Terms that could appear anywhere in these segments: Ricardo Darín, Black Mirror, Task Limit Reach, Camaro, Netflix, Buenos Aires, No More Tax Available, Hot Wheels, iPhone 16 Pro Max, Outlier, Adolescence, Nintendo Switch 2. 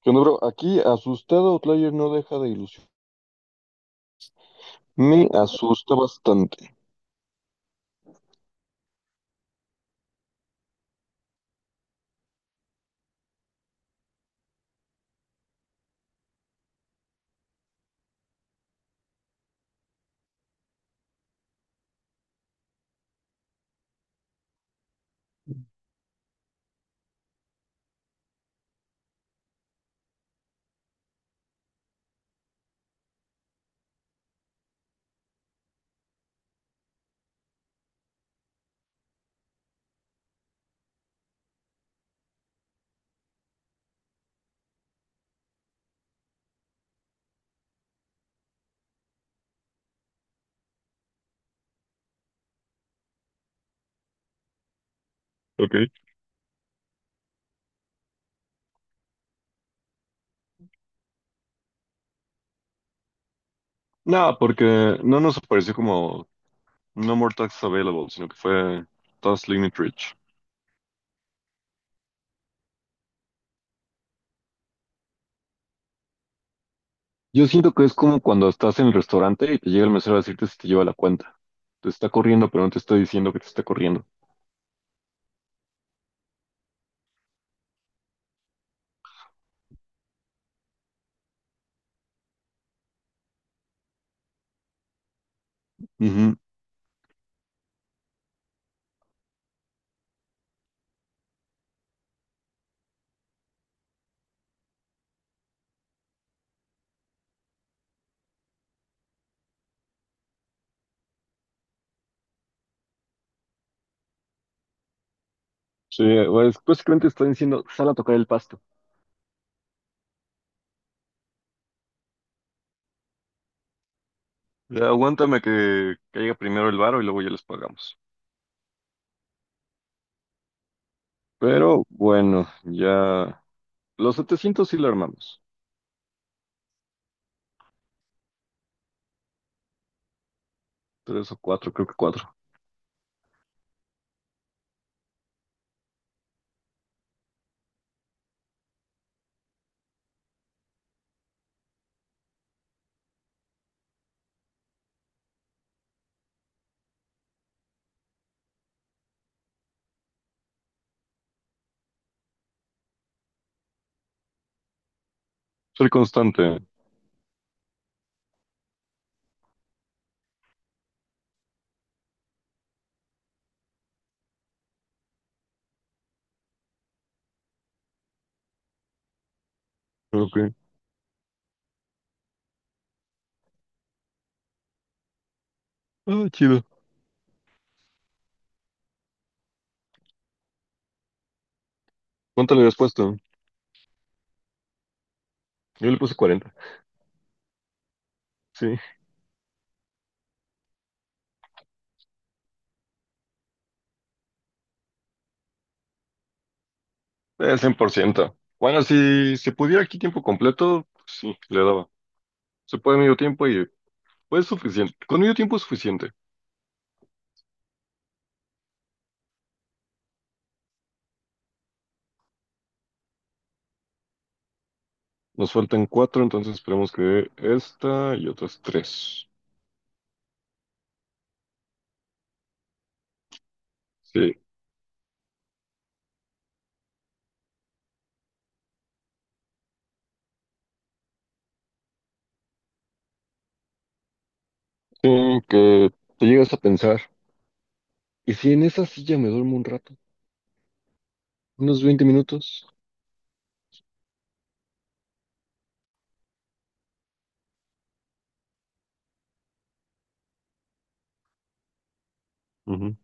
¿Qué onda, bro? Aquí asustado, Outlier no deja de ilusión. Me asusta bastante. Ok. No, porque no nos apareció como No More Tax Available, sino que fue Task Limit Reach. Yo siento que es como cuando estás en el restaurante y te llega el mesero a decirte si te lleva la cuenta. Te está corriendo, pero no te está diciendo que te está corriendo. Ujú. Sí, pues básicamente está diciendo, sal a tocar el pasto. Ya, aguántame que caiga primero el varo y luego ya les pagamos. Pero bueno, ya los 700 sí lo armamos. Tres o cuatro, creo que cuatro. Soy constante. Ok. Ah, chido. ¿Cuánto le habías puesto? Yo le puse 40. Sí, 100%. Bueno, si se pudiera aquí tiempo completo, sí, le daba. Se puede medio tiempo y pues suficiente. Con medio tiempo es suficiente. Nos faltan cuatro, entonces esperemos que esta y otras tres. Sí. Sí, que te llegas a pensar. ¿Y si en esa silla me duermo un rato? Unos 20 minutos. Ujú.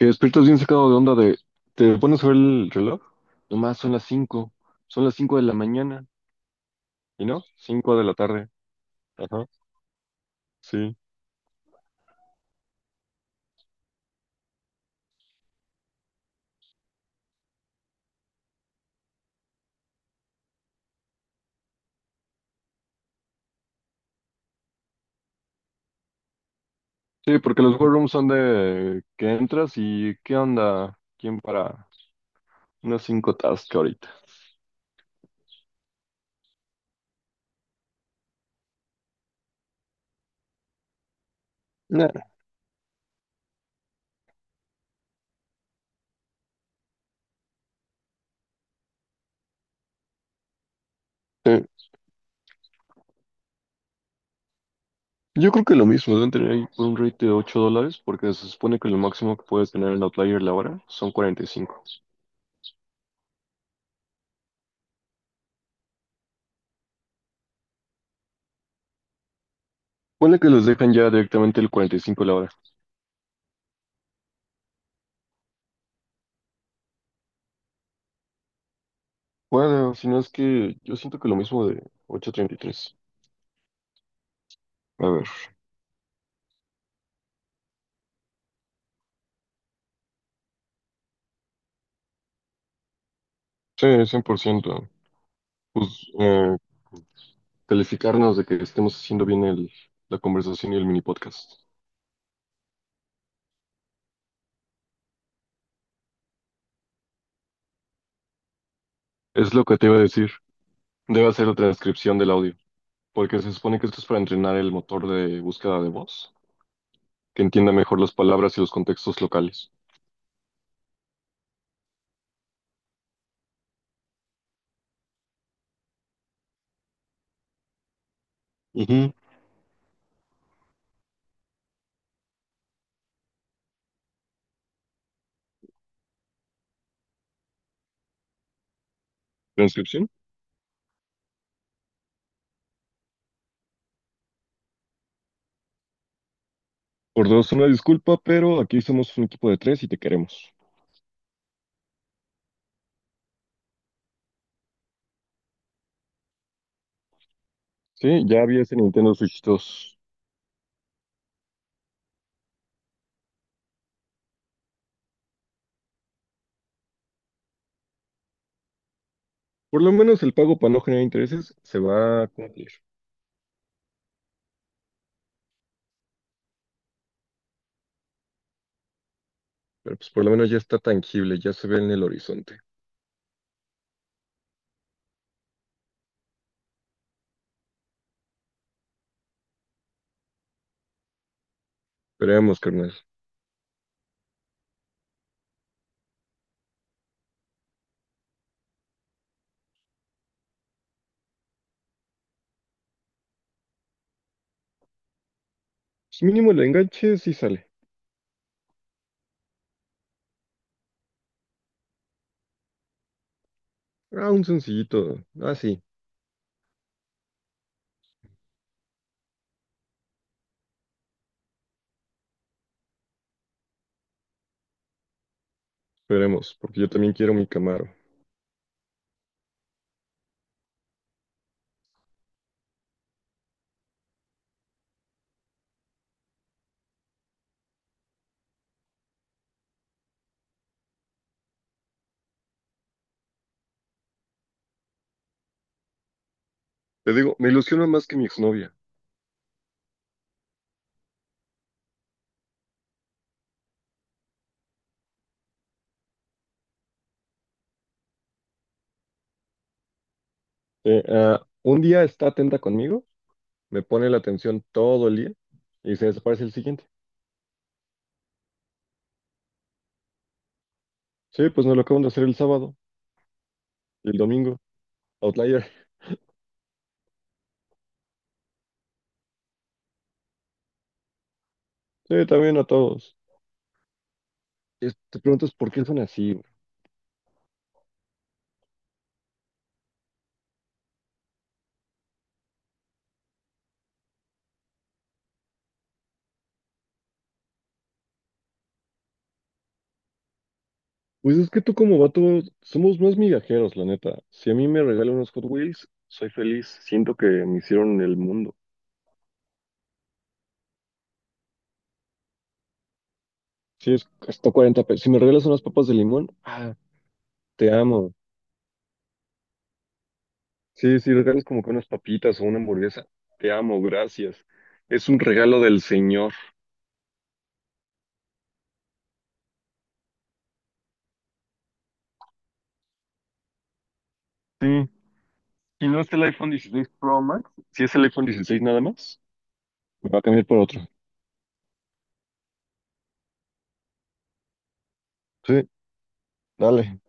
Que despiertas bien sacado de onda de. Te pones a ver el reloj. Nomás son las 5. Son las cinco de la mañana. ¿Y no? 5 de la tarde. Ajá. Sí. Sí, porque los war rooms son de que entras y ¿qué onda? ¿Quién para unas cinco tasks ahorita? Eh, yo creo que lo mismo, deben tener ahí un rate de $8 porque se supone que lo máximo que puedes tener el Outlier la hora son 45. Ponle que los dejan ya directamente el 45 la hora. Bueno, si no es que yo siento que lo mismo de 8.33. A ver, sí, 100%. Pues calificarnos de que estemos haciendo bien la conversación y el mini podcast. Es lo que te iba a decir. Debe hacer la transcripción del audio porque se supone que esto es para entrenar el motor de búsqueda de voz, que entienda mejor las palabras y los contextos locales. Ujú. Transcripción. Por dos, una disculpa, pero aquí somos un equipo de tres y te queremos. Sí, ya había ese Nintendo Switch 2. Por lo menos el pago para no generar intereses se va a cumplir. Pero pues por lo menos ya está tangible, ya se ve en el horizonte. Esperemos, carnal. Pues mínimo el enganche sí sale. Ah, un sencillito. Ah, sí. Esperemos, porque yo también quiero mi Camaro. Te digo, me ilusiona más que mi exnovia. Un día está atenta conmigo, me pone la atención todo el día y se desaparece el siguiente. Sí, pues nos lo acaban de hacer el sábado. El domingo, Outlier. Sí, también a todos. Te preguntas por qué son así, bro. Pues es que tú como vato, somos más migajeros, la neta. Si a mí me regalan unos Hot Wheels, soy feliz. Siento que me hicieron el mundo. Sí, es hasta 40 pesos. Si me regalas unas papas de limón, ah, te amo. Sí, si regalas como que unas papitas o una hamburguesa, te amo, gracias. Es un regalo del Señor. Sí, si no es el iPhone 16 Pro Max, si es el iPhone 16 nada más, me va a cambiar por otro. Sí, dale.